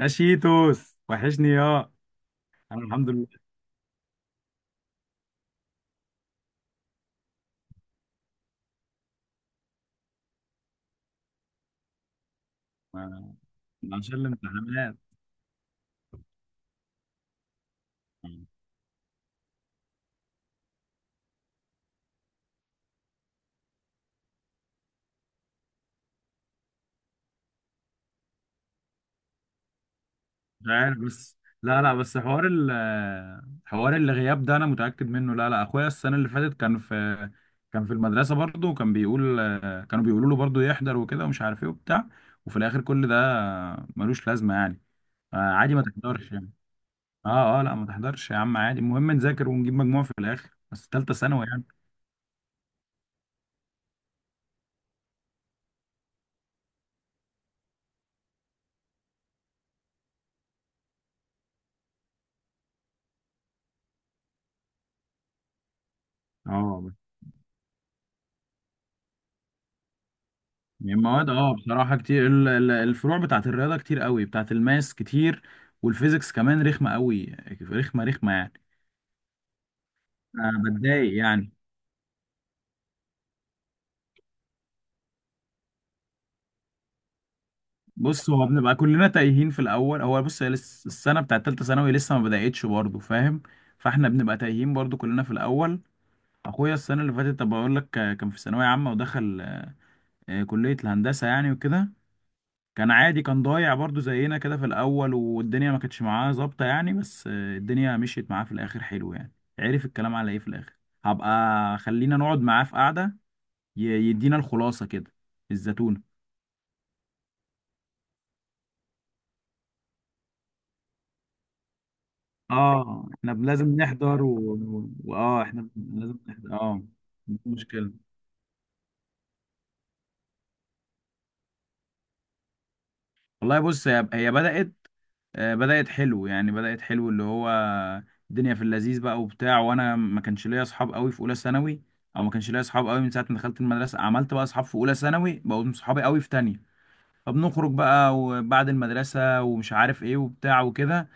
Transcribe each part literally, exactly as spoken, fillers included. يا شيتوس وحشني يا انا الحمد لله. ما- عشان الامتحانات. مش عارف، بس لا لا، بس حوار ال حوار الغياب ده انا متأكد منه. لا لا، اخويا السنة اللي فاتت كان في كان في المدرسة برضه، وكان بيقول، كانوا بيقولوا له برضه يحضر وكده ومش عارف ايه وبتاع، وفي الاخر كل ده ملوش لازمة يعني. آه، عادي ما تحضرش يعني. اه اه، لا ما تحضرش يا عم، عادي، المهم نذاكر ونجيب مجموع في الاخر، بس تالتة ثانوي يعني. اه، يعني مواد اه بصراحة كتير، ال- ال- الفروع بتاعت الرياضة كتير قوي، بتاعت الماس كتير، والفيزيكس كمان رخمة قوي، رخمة رخمة يعني. انا بتضايق يعني. بص، هو بنبقى كلنا تايهين في الاول. هو بص، هي لس- السنة بتاعت تالتة ثانوي لسه ما بدأتش برضه، فاهم؟ فاحنا بنبقى تايهين برضه كلنا في الاول. اخويا السنة اللي فاتت، طب بقول لك، كان في ثانوية عامة ودخل آه، كلية الهندسة يعني وكده. كان عادي، كان ضايع برضو زينا كده في الاول، والدنيا ما كانتش معاه ظابطه يعني، بس آه، الدنيا مشيت معاه في الاخر حلو يعني. عرف الكلام على ايه في الاخر. هبقى خلينا نقعد معاه في قعده ي- يدينا الخلاصه كده، الزتونه. اه احنا لازم نحضر و... و... واه احنا لازم نحضر اه. مفيش مشكله. والله بص، هي هي بدأت، آه، بدأت حلو يعني، بدأت حلو، اللي هو الدنيا في اللذيذ بقى وبتاع. وانا ما كانش ليا اصحاب قوي في اولى ثانوي، او ما كانش ليا اصحاب قوي من ساعة ما دخلت المدرسة. عملت بقى اصحاب في اولى ثانوي، بقوا صحابي قوي في تانية، فبنخرج بقى وبعد المدرسة ومش عارف ايه وبتاع وكده،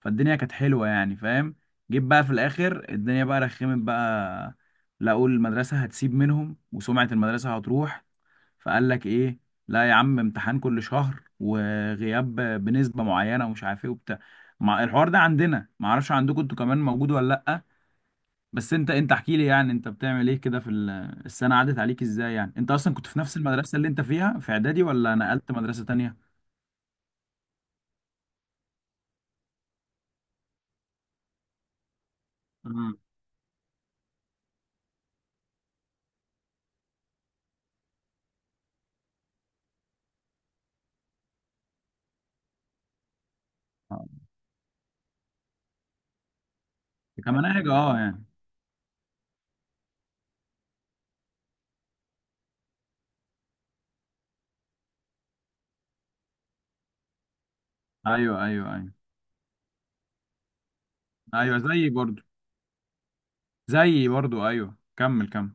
فالدنيا كانت حلوة يعني، فاهم؟ جيت بقى في الاخر الدنيا بقى رخمت بقى. لا اقول المدرسة هتسيب منهم وسمعة المدرسة هتروح، فقال لك ايه، لا يا عم، امتحان كل شهر وغياب بنسبة معينة ومش عارف ايه وبتاع. مع الحوار ده عندنا، ما اعرفش عندكم انتوا كمان موجود ولا لا. بس انت، انت احكي لي يعني، انت بتعمل ايه كده في ال- السنة، عدت عليك ازاي؟ يعني انت اصلا كنت في نفس المدرسة اللي انت فيها في اعدادي ولا نقلت مدرسة تانية؟ مم. آه. كمناهج اه يعني. ايوه ايوه ايوه. ايوه زيي برضو، زيي برضو، ايوه، كمل كمل.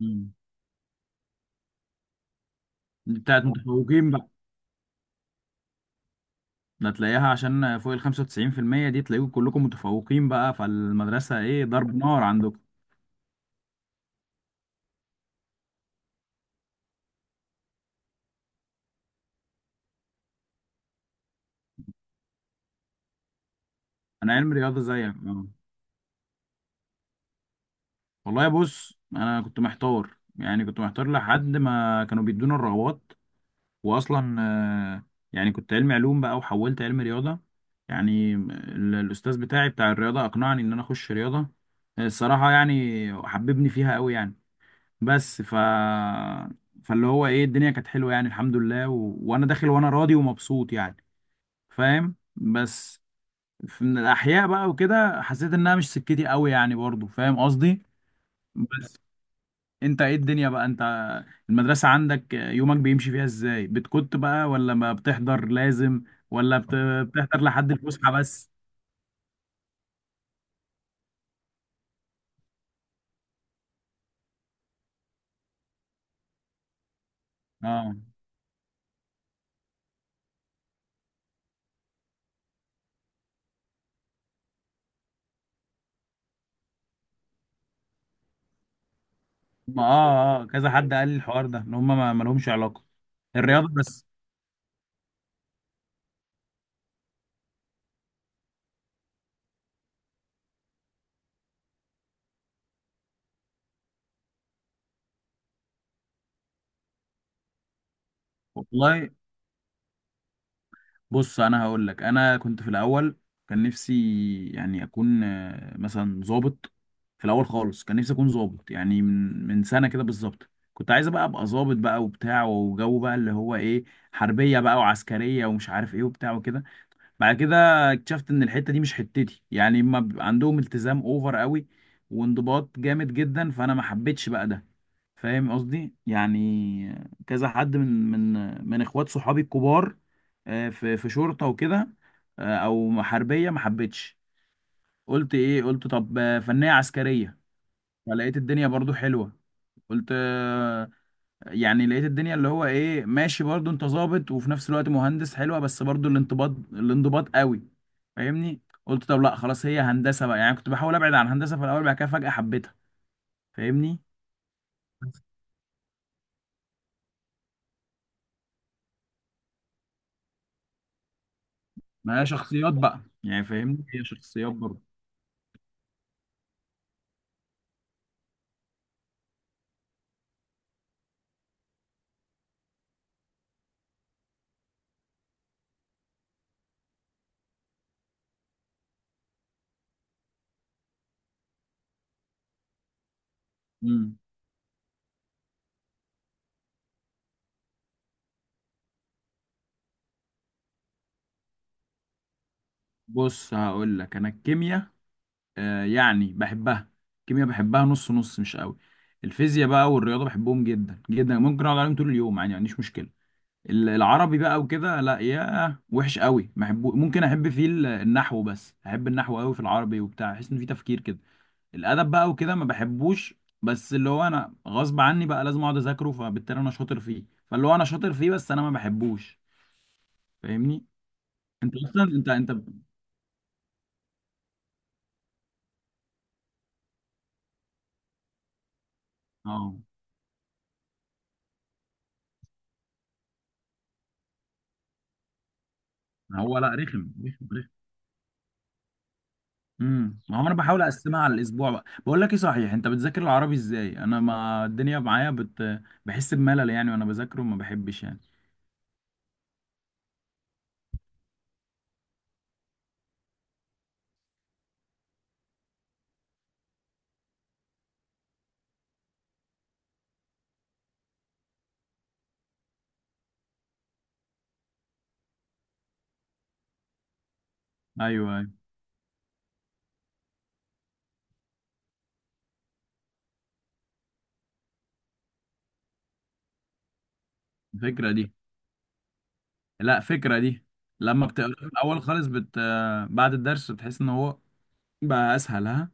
مم. دي بتاعت متفوقين بقى. ده تلاقيها عشان فوق ال خمسة وتسعين في المية، دي تلاقيكم كلكم متفوقين بقى، فالمدرسة ايه، ضرب نار عندكم؟ انا علم رياضة زيك آه. والله بص، انا كنت محتار يعني، كنت محتار لحد ما كانوا بيدونا الرغبات. واصلا آه، يعني كنت علم علوم بقى وحولت علم رياضة. يعني ال- الاستاذ بتاعي بتاع الرياضة اقنعني ان انا اخش رياضة، الصراحة يعني حببني فيها قوي يعني. بس ف فاللي هو ايه، الدنيا كانت حلوة يعني الحمد لله، و... وانا داخل وانا راضي ومبسوط يعني، فاهم؟ بس في- من الاحياء بقى وكده حسيت انها مش سكتي قوي يعني، برضو فاهم قصدي؟ بس انت ايه الدنيا بقى انت، المدرسة عندك يومك بيمشي فيها ازاي، بتكت بقى ولا ما بتحضر لازم، ولا بت- بتحضر لحد الفسحة بس؟ اه، ما اه اه كذا حد قال لي الحوار ده، ان هم ما ما لهمش علاقة. الرياضة بس. والله بص، انا هقول لك، انا كنت في الاول كان نفسي يعني اكون آه، مثلا ضابط. في الاول خالص كان نفسي اكون ضابط يعني، من من سنه كده بالظبط كنت عايز بقى ابقى ضابط بقى وبتاع وجو بقى اللي هو ايه، حربيه بقى وعسكريه ومش عارف ايه وبتاع وكده. بعد كده اكتشفت ان الحته دي مش حتتي يعني، ما بيبقى عندهم التزام اوفر قوي وانضباط جامد جدا، فانا ما حبيتش بقى ده، فاهم قصدي يعني. كذا حد من من من اخوات صحابي الكبار آه، في في شرطه وكده، آه، او حربيه، ما حبيتش. قلت ايه، قلت طب آه، فنيه عسكريه، فلقيت الدنيا برضو حلوه. قلت يعني لقيت الدنيا اللي هو ايه، ماشي برضو، انت ظابط وفي نفس الوقت مهندس، حلوه، بس برضو الانضباط، الانضباط قوي، فاهمني؟ قلت طب لا خلاص هي هندسه بقى يعني. كنت بحاول ابعد عن هندسه في الاول، بعد كده فجاه حبيتها، فاهمني؟ ما هي شخصيات بقى يعني، فاهمني، هي شخصيات برضه. امم، بص هقول لك، انا الكيمياء آه يعني بحبها، الكيمياء بحبها نص نص مش قوي. الفيزياء بقى والرياضه بحبهم جدا جدا، ممكن اقعد عليهم طول اليوم يعني، ما عنديش مشكله. ال- العربي بقى وكده لا يا وحش قوي، ما احبه. ممكن احب فيه ال- النحو، بس احب النحو قوي في العربي وبتاع، احس ان فيه تفكير كده. الادب بقى وكده ما بحبوش، بس اللي هو انا غصب عني بقى لازم اقعد اذاكره، فبالتالي انا شاطر فيه. فاللي هو انا شاطر فيه بس انا ما بحبوش، فاهمني؟ انت اصلا انت انت اه. ما هو لا، رخم رخم رخم. امم، ما هو انا بحاول اقسمها على الاسبوع بقى. بقول لك ايه، صحيح، انت بتذاكر العربي ازاي؟ انا ما الدنيا معايا بت... بحس بملل يعني وانا بذاكره، ما بحبش يعني. ايوه، أيوة. الفكره دي، لا فكرة دي، لما بتقرا الأول خالص بت... بعد الدرس، بتحس إن هو بقى أسهل، ها؟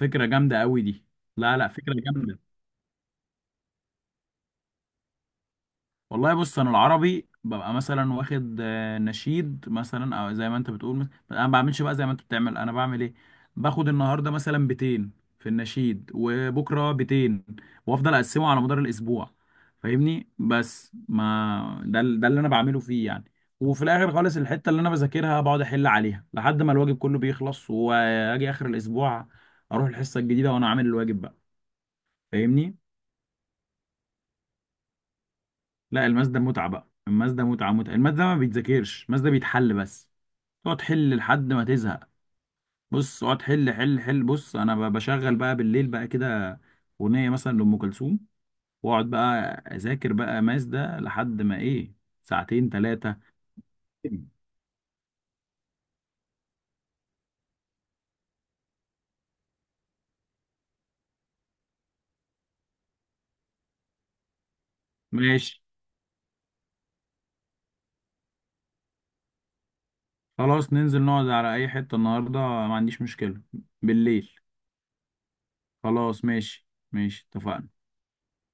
فكرة جامدة أوي دي. لا لا، فكرة جامدة. والله بص، انا العربي ببقى مثلا واخد آه، نشيد مثلا. او زي ما انت بتقول مث- انا ما بعملش بقى زي ما انت بتعمل. انا بعمل ايه، باخد النهارده مثلا مئتين في النشيد، وبكره مئتين، وافضل اقسمه على مدار الاسبوع، فاهمني؟ بس ما ده ال- ده اللي انا بعمله فيه يعني. وفي الاخر خالص، الحته اللي انا بذاكرها بقعد احل عليها لحد ما الواجب كله بيخلص، واجي اخر الاسبوع اروح الحصه الجديده وانا عامل الواجب بقى، فاهمني؟ لا الماس ده متعة بقى، الماس ده متعة متعة، الماس ده ما بيتذاكرش، الماس ده بيتحل بس، تقعد تحل لحد ما تزهق. بص اقعد حل حل حل. بص انا ب- بشغل بقى بالليل بقى كده اغنية مثلا لأم كلثوم، واقعد بقى اذاكر بقى ماس ده لحد ما ايه، ساعتين ثلاثة. ماشي، خلاص ننزل نقعد على اي حتة النهاردة، ما عنديش مشكلة. بالليل، خلاص ماشي ماشي، اتفقنا.